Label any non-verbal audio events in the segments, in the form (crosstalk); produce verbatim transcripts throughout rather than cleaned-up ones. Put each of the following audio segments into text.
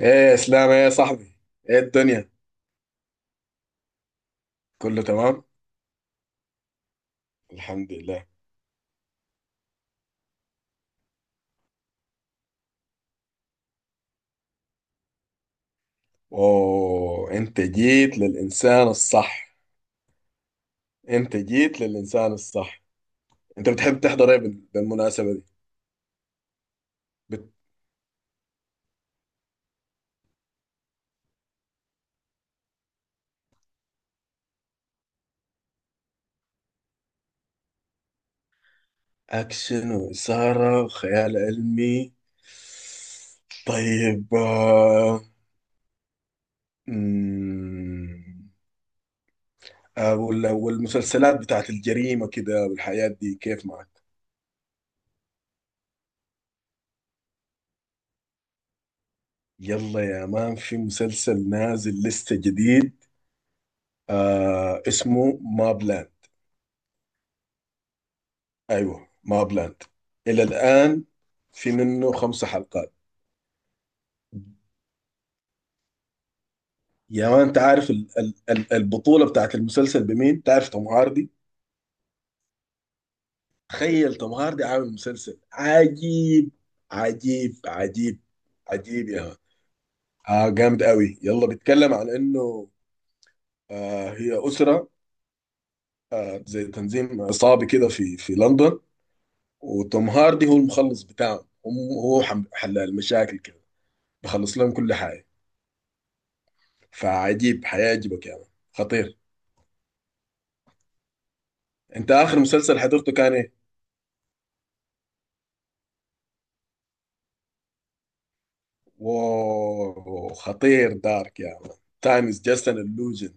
ايه يا اسلام، ايه يا صاحبي. ايه الدنيا؟ كله تمام، الحمد لله. اوه، انت جيت للانسان الصح. انت جيت للانسان الصح. انت بتحب تحضر ايه بال- بالمناسبة دي؟ بت... اكشن واثارة وخيال علمي. طيب، آه، مم، آه، وال- والمسلسلات بتاعت الجريمة كده، والحياة دي كيف معك؟ يلا يا مان، في مسلسل نازل لسه جديد. آه اسمه مابلاند. ايوه، ما بلاند. الى الان في منه خمسة حلقات. يا ما، انت عارف ال ال ال البطولة بتاعت المسلسل بمين؟ تعرف توم هاردي؟ تخيل توم هاردي عامل مسلسل عجيب. عجيب عجيب. عجيب يا مان. آه جامد قوي. يلا، بيتكلم عن انه آه هي أسرة، آه زي تنظيم عصابي كده في في لندن. وتوم هاردي هو المخلص بتاعهم هم. هو حم- حل المشاكل كده، بخلص لهم كل حاجة. فعجيب، حيعجبك يا مان. خطير. انت اخر مسلسل حضرته كان ايه؟ واو، خطير دارك يا مان. تايم از جاست ان illusion.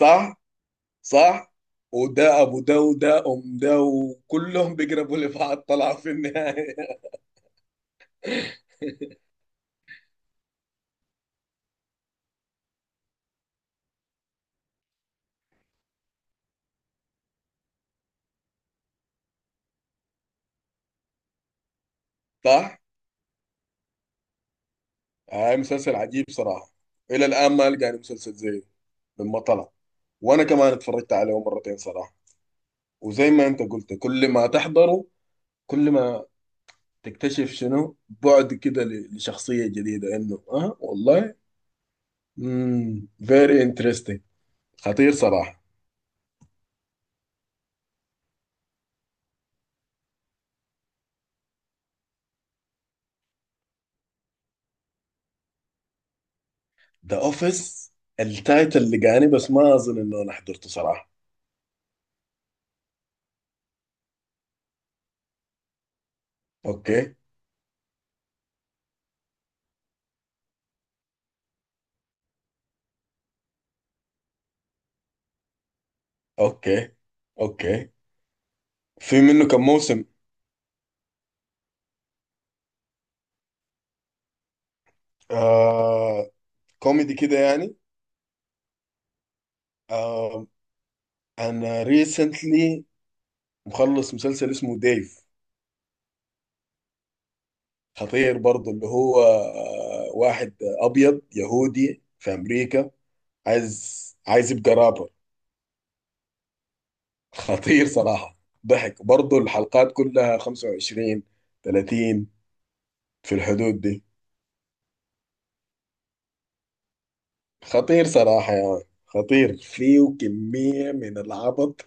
صح؟ صح؟ وده ابو ده، وده ام ده، وكلهم بيقربوا لبعض طلعوا في النهاية. (laughs) صح؟ هاي، مسلسل عجيب صراحة. الى الان ما لقاني مسلسل زيه لما طلع. وانا كمان اتفرجت عليه مرتين صراحة. وزي ما انت قلت، كل ما تحضره، كل ما تكتشف شنو بعد كده ل- لشخصية جديدة، انه اه والله. امم فيري انترستنج. خطير صراحه. ذا اوفيس. التايتل اللي جاني بس ما اظن انه انا حضرته صراحه. اوكي. اوكي. اوكي، في منه كم موسم؟ آه كوميدي كده يعني. آه انا ريسنتلي مخلص مسلسل اسمه ديف. خطير برضه. اللي هو آه واحد ابيض يهودي في امريكا، عايز عايز يبقى رابر. خطير صراحة. ضحك برضو. الحلقات كلها خمسة وعشرين، ثلاثين، في الحدود دي. خطير صراحة، يا يعني خطير، فيه كمية من العبط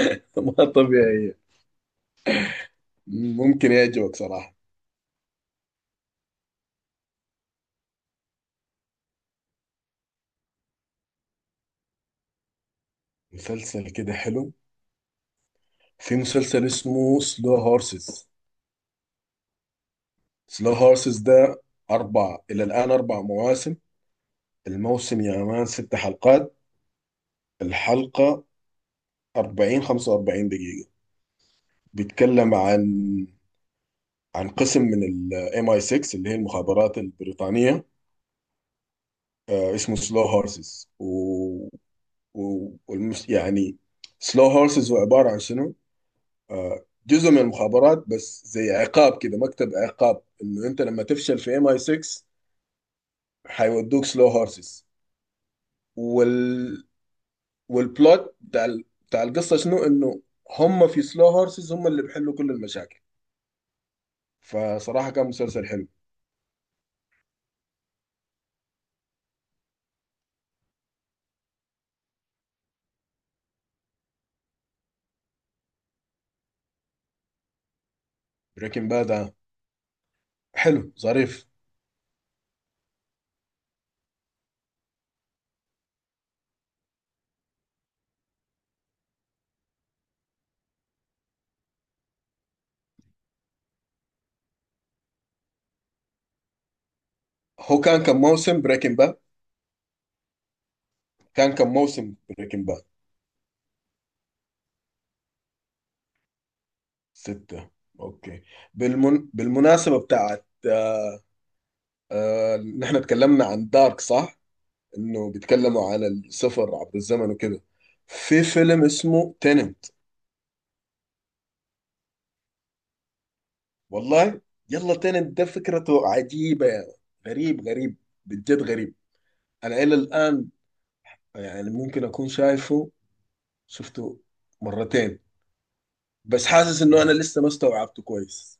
(laughs) ما طبيعية. ممكن يعجبك صراحة. مسلسل كده حلو. في مسلسل اسمه سلو هورسز. سلو هورسز ده أربع إلى الآن أربع مواسم. الموسم يا مان ست حلقات. الحلقة اربعين، خمسة واربعين دقيقة. بيتكلم عن عن قسم من الام اي سيكس، اللي هي المخابرات البريطانيه. آه، اسمه سلو هورسز. و... و... والمس... يعني، سلو هورسز هو عباره عن شنو؟ آه، جزء من المخابرات، بس زي عقاب كده، مكتب عقاب، انه انت لما تفشل في ام اي ستة حيودوك سلو هورسز. وال... والبلوت بتاع ال... بتاع القصه شنو؟ انه هم في سلو هورسز هم اللي بيحلوا كل المشاكل. فصراحه كان مسلسل حلو. بريكنج باد، حلو ظريف. هو كان كم موسم بريكنج باد؟ كان كم موسم بريكنج باد؟ ستة. اوكي. بالمن... بالمناسبة بتاعت، آه... نحن اتكلمنا عن دارك، صح؟ انه بيتكلموا عن السفر عبر الزمن وكده. في فيلم اسمه تيننت. والله. يلا، تيننت ده فكرته عجيبة يعني. غريب غريب. بجد غريب. انا الى الان، يعني ممكن اكون شايفه شفته مرتين، بس حاسس انه انا لسه ما استوعبته كويس.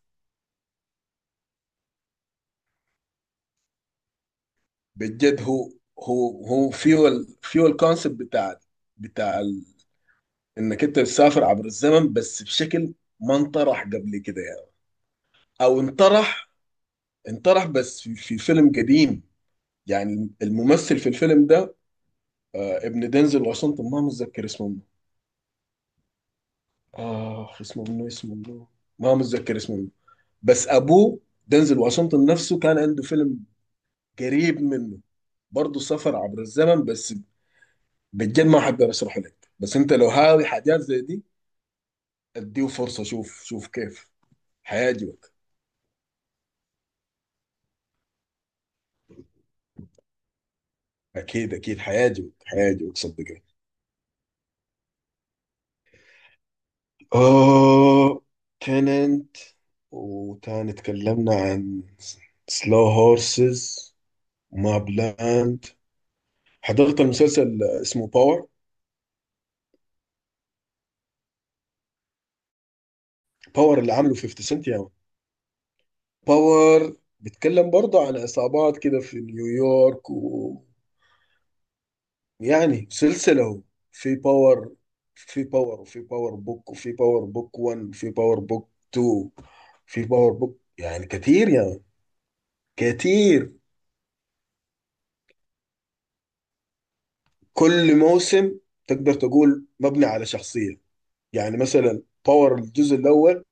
بجد، هو هو هو فيه ال فيه الكونسيبت بتاع بتاع ال- انك انت بتسافر عبر الزمن، بس بشكل ما انطرح قبل كده يعني. او انطرح، انطرح بس في, في فيلم قديم. يعني الممثل في الفيلم ده، آه ابن دينزل واشنطن، ما متذكر اسمه منه. اه اسمه منه، اسمه منه. ما متذكر اسمه منه. بس ابوه دينزل واشنطن نفسه كان عنده فيلم قريب منه، برضه سفر عبر الزمن، بس بجد ما حقدر اشرح لك. بس انت لو هاوي حاجات زي دي، اديه فرصه، شوف شوف كيف. حيعجبك. اكيد اكيد حيعجبك. حيعجبك صدقني. اوه، تننت. وتاني تكلمنا عن سلو هورسز، ماب لاند. حضرت المسلسل اسمه باور. باور اللي عامله فيفتي سنت. يا، باور بيتكلم برضه عن عصابات كده في نيويورك، و، يعني سلسلة. في باور، في باور وفي باور بوك، وفي باور بوك وان، في باور بوك تو. في باور بوك، يعني كتير يعني. كتير. كل موسم تقدر تقول مبني على شخصية. يعني مثلا باور الجزء الأول،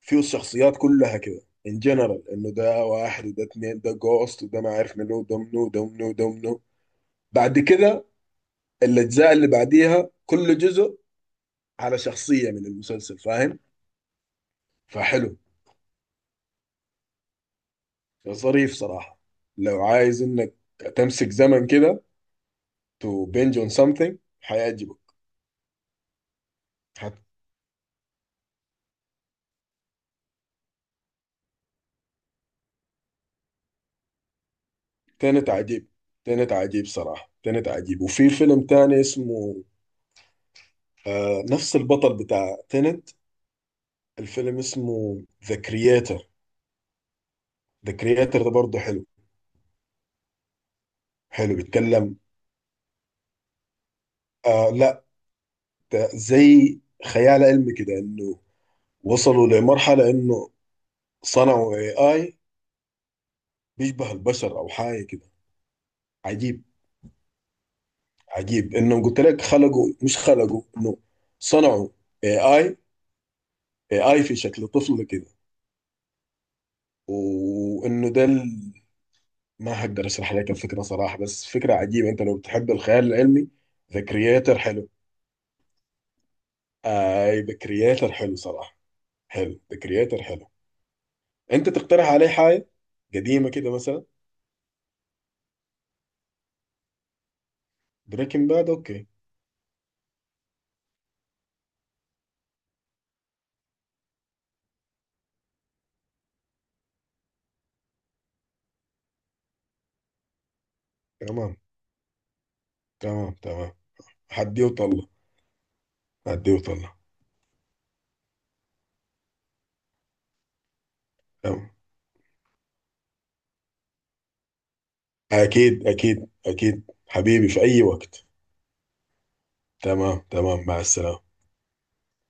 فيه الشخصيات كلها كده، ان جنرال، انه ده واحد وده اتنين، ده جوست، وده ما عارف منو، ده منو، ده منو، ده منو. بعد كده الأجزاء اللي بعديها كل جزء على شخصية من المسلسل، فاهم؟ فحلو، ظريف صراحة. لو عايز انك تمسك زمن كده to binge on something، هيعجبك. هت- تاني عجيب. تاني عجيب صراحة. تاني عجيب. وفي فيلم تاني اسمه، آه نفس البطل بتاع تنت. الفيلم اسمه The Creator. The Creator ده برضه حلو. حلو، بيتكلم، آه لا، ده زي خيال علمي كده، انه وصلوا لمرحلة انه صنعوا اي اي بيشبه البشر او حاجة كده. عجيب. عجيب انهم، قلت لك خلقوا، مش خلقوا، انه صنعوا اي اي. اي اي في شكل طفل كده. وانه ده ال- ما هقدر اشرح لك الفكره صراحه، بس فكره عجيبه. انت لو بتحب الخيال العلمي، ذا كرييتر حلو. اي، ذا كرييتر حلو صراحه. حلو. ذا كرييتر حلو. انت تقترح عليه حاجه قديمه كده مثلا؟ بريكنج باد، اوكي. تمام. تمام تمام. حدي وطلع. حدي وطلع. تمام. اكيد اكيد اكيد حبيبي، في اي وقت. تمام تمام، مع السلامة.